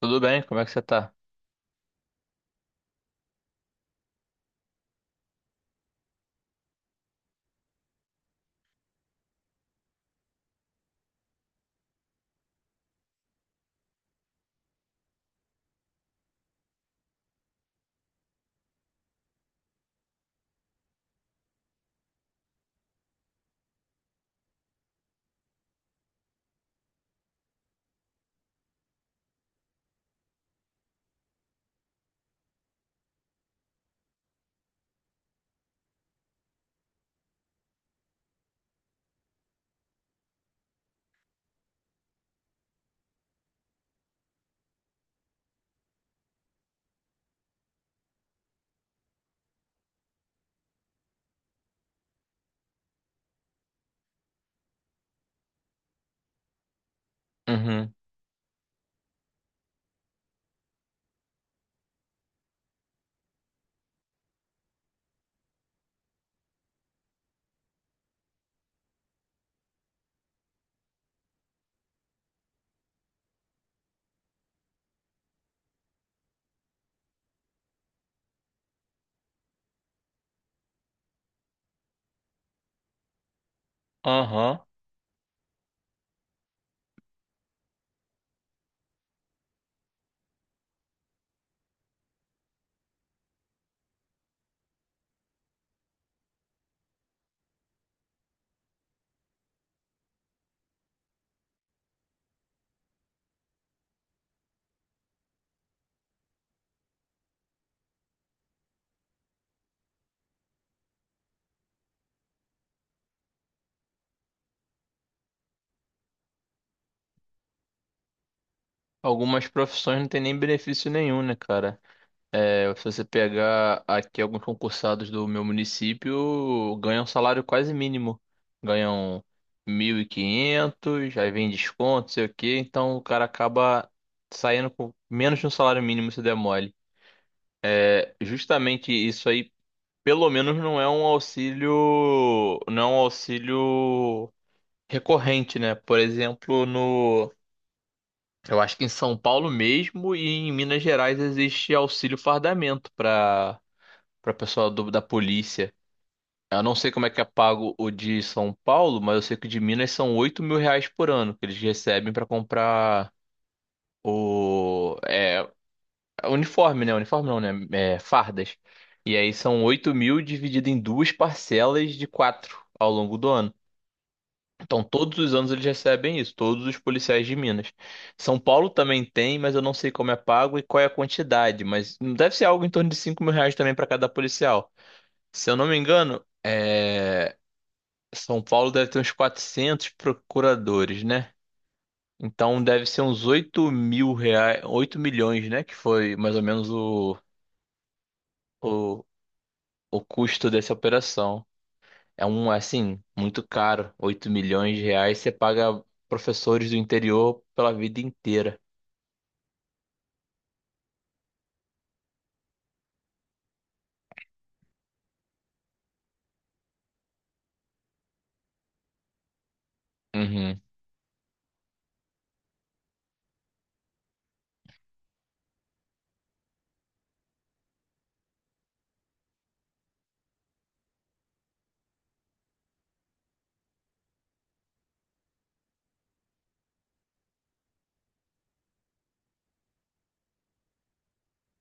Tudo bem, como é que você tá? Uhum. Aham. Algumas profissões não tem nem benefício nenhum, né, cara? É, se você pegar aqui alguns concursados do meu município, ganham salário quase mínimo. Ganham 1.500, aí vem desconto, sei o quê. Então o cara acaba saindo com menos de um salário mínimo se der mole. É, justamente isso aí, pelo menos não é um auxílio, não é um auxílio recorrente, né? Por exemplo, no Eu acho que em São Paulo mesmo e em Minas Gerais existe auxílio fardamento para pessoal da polícia. Eu não sei como é que é pago o de São Paulo, mas eu sei que o de Minas são R$ 8 mil por ano que eles recebem para comprar o uniforme, né? Uniforme não, né? É, fardas. E aí são 8 mil dividido em duas parcelas de quatro ao longo do ano. Então, todos os anos eles recebem isso, todos os policiais de Minas. São Paulo também tem, mas eu não sei como é pago e qual é a quantidade, mas deve ser algo em torno de R$ 5 mil também para cada policial. Se eu não me engano, é, São Paulo deve ter uns 400 procuradores, né? Então deve ser uns R$ 8 mil, 8 milhões, né? Que foi mais ou menos o, o custo dessa operação. É um, assim, muito caro. R$ 8 milhões você paga professores do interior pela vida inteira. Uhum.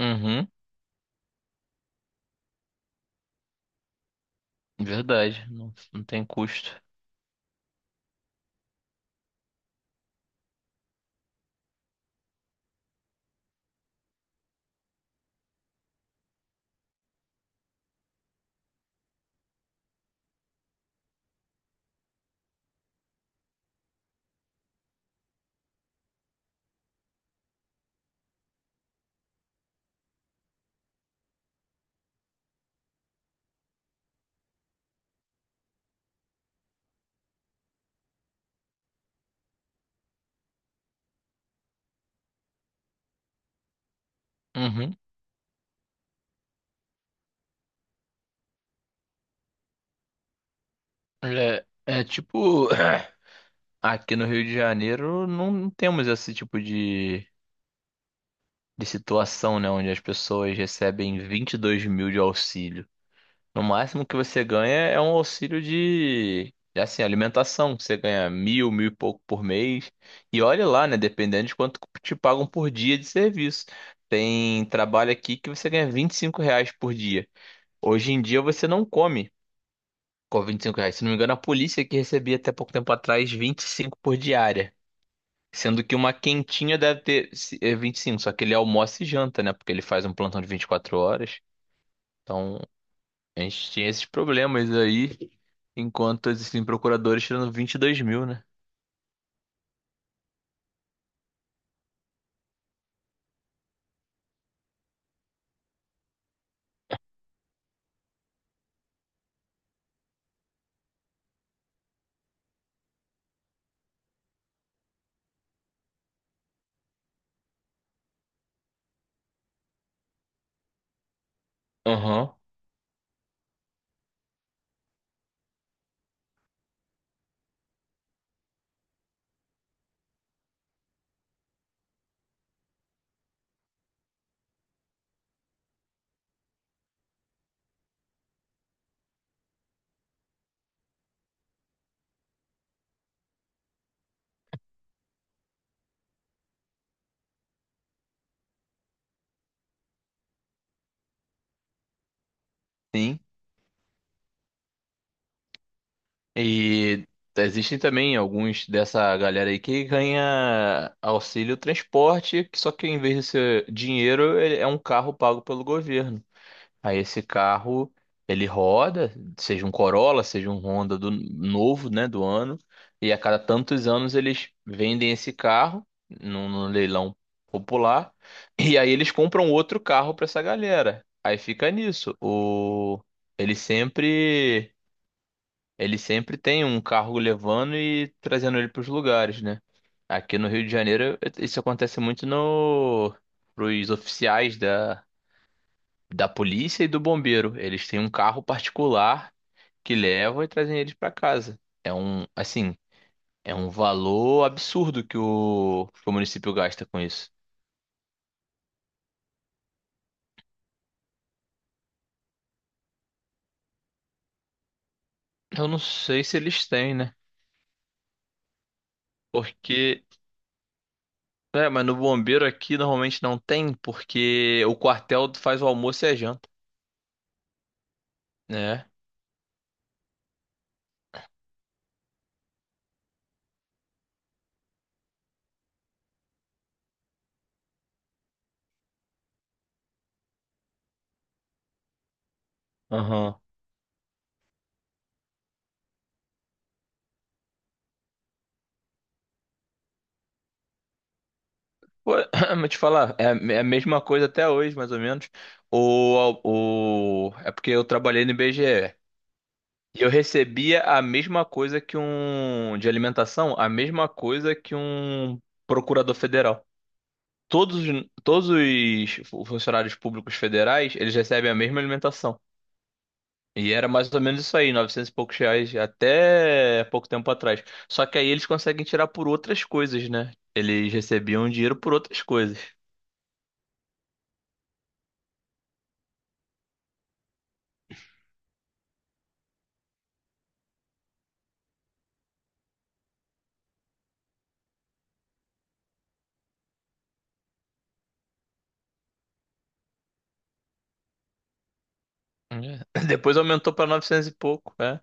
Uhum. Verdade. Não, não tem custo. Uhum. É tipo, aqui no Rio de Janeiro não temos esse tipo de situação, né? Onde as pessoas recebem 22 mil de auxílio. No máximo que você ganha é um auxílio de, assim, alimentação. Que Você ganha mil, mil e pouco por mês. E olha lá, né? Dependendo de quanto te pagam por dia de serviço. Tem trabalho aqui que você ganha R$ 25 por dia. Hoje em dia você não come com R$ 25. Se não me engano, a polícia que recebia até pouco tempo atrás 25 por diária. Sendo que uma quentinha deve ter é 25, só que ele almoça e janta, né? Porque ele faz um plantão de 24 horas. Então, a gente tinha esses problemas aí, enquanto existem procuradores tirando 22 mil, né? Aham. Sim. E existem também alguns dessa galera aí que ganha auxílio transporte, que só que em vez de ser dinheiro, ele é um carro pago pelo governo. Aí esse carro, ele roda, seja um Corolla, seja um Honda do novo, né, do ano, e a cada tantos anos eles vendem esse carro num leilão popular, e aí eles compram outro carro para essa galera. Aí fica nisso. O ele sempre ele sempre tem um carro levando e trazendo ele para os lugares, né? Aqui no Rio de Janeiro, isso acontece muito no pros oficiais da polícia e do bombeiro. Eles têm um carro particular que levam e trazem eles para casa. Assim, é um valor absurdo que o município gasta com isso. Eu não sei se eles têm, né? Porque, mas no bombeiro aqui normalmente não tem, porque o quartel faz o almoço e a janta, né? Aham. Pô, vou te falar, é a mesma coisa até hoje, mais ou menos. É porque eu trabalhei no IBGE. E eu recebia a mesma coisa que um de alimentação, a mesma coisa que um procurador federal. Todos os funcionários públicos federais, eles recebem a mesma alimentação. E era mais ou menos isso aí, 900 e poucos reais até pouco tempo atrás. Só que aí eles conseguem tirar por outras coisas, né? Eles recebiam dinheiro por outras coisas. É. Depois aumentou para 900 e pouco, né?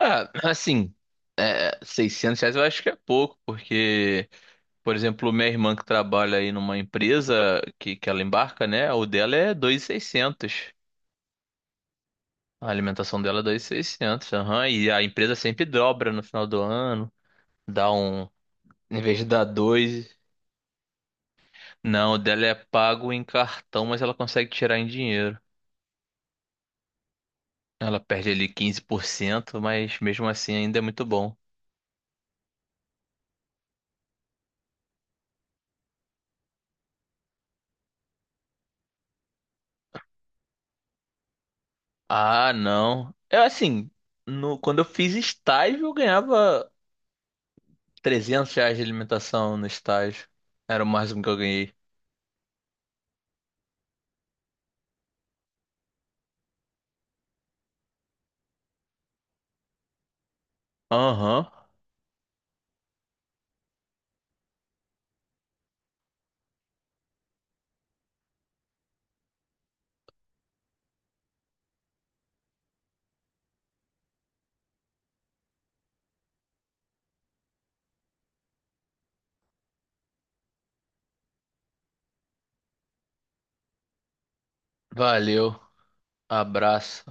Ah, assim, é, R$ 600 eu acho que é pouco, por exemplo, minha irmã que trabalha aí numa empresa que ela embarca, né? O dela é 2.600. A alimentação dela é 2.600, aham. E a empresa sempre dobra no final do ano, dá um, em vez de dar dois, não, o dela é pago em cartão, mas ela consegue tirar em dinheiro. Ela perde ali 15%, mas mesmo assim ainda é muito bom. Ah, não. É assim, no, quando eu fiz estágio, eu ganhava R$ 300 de alimentação no estágio. Era o máximo que eu ganhei. Aham. Valeu, abraço.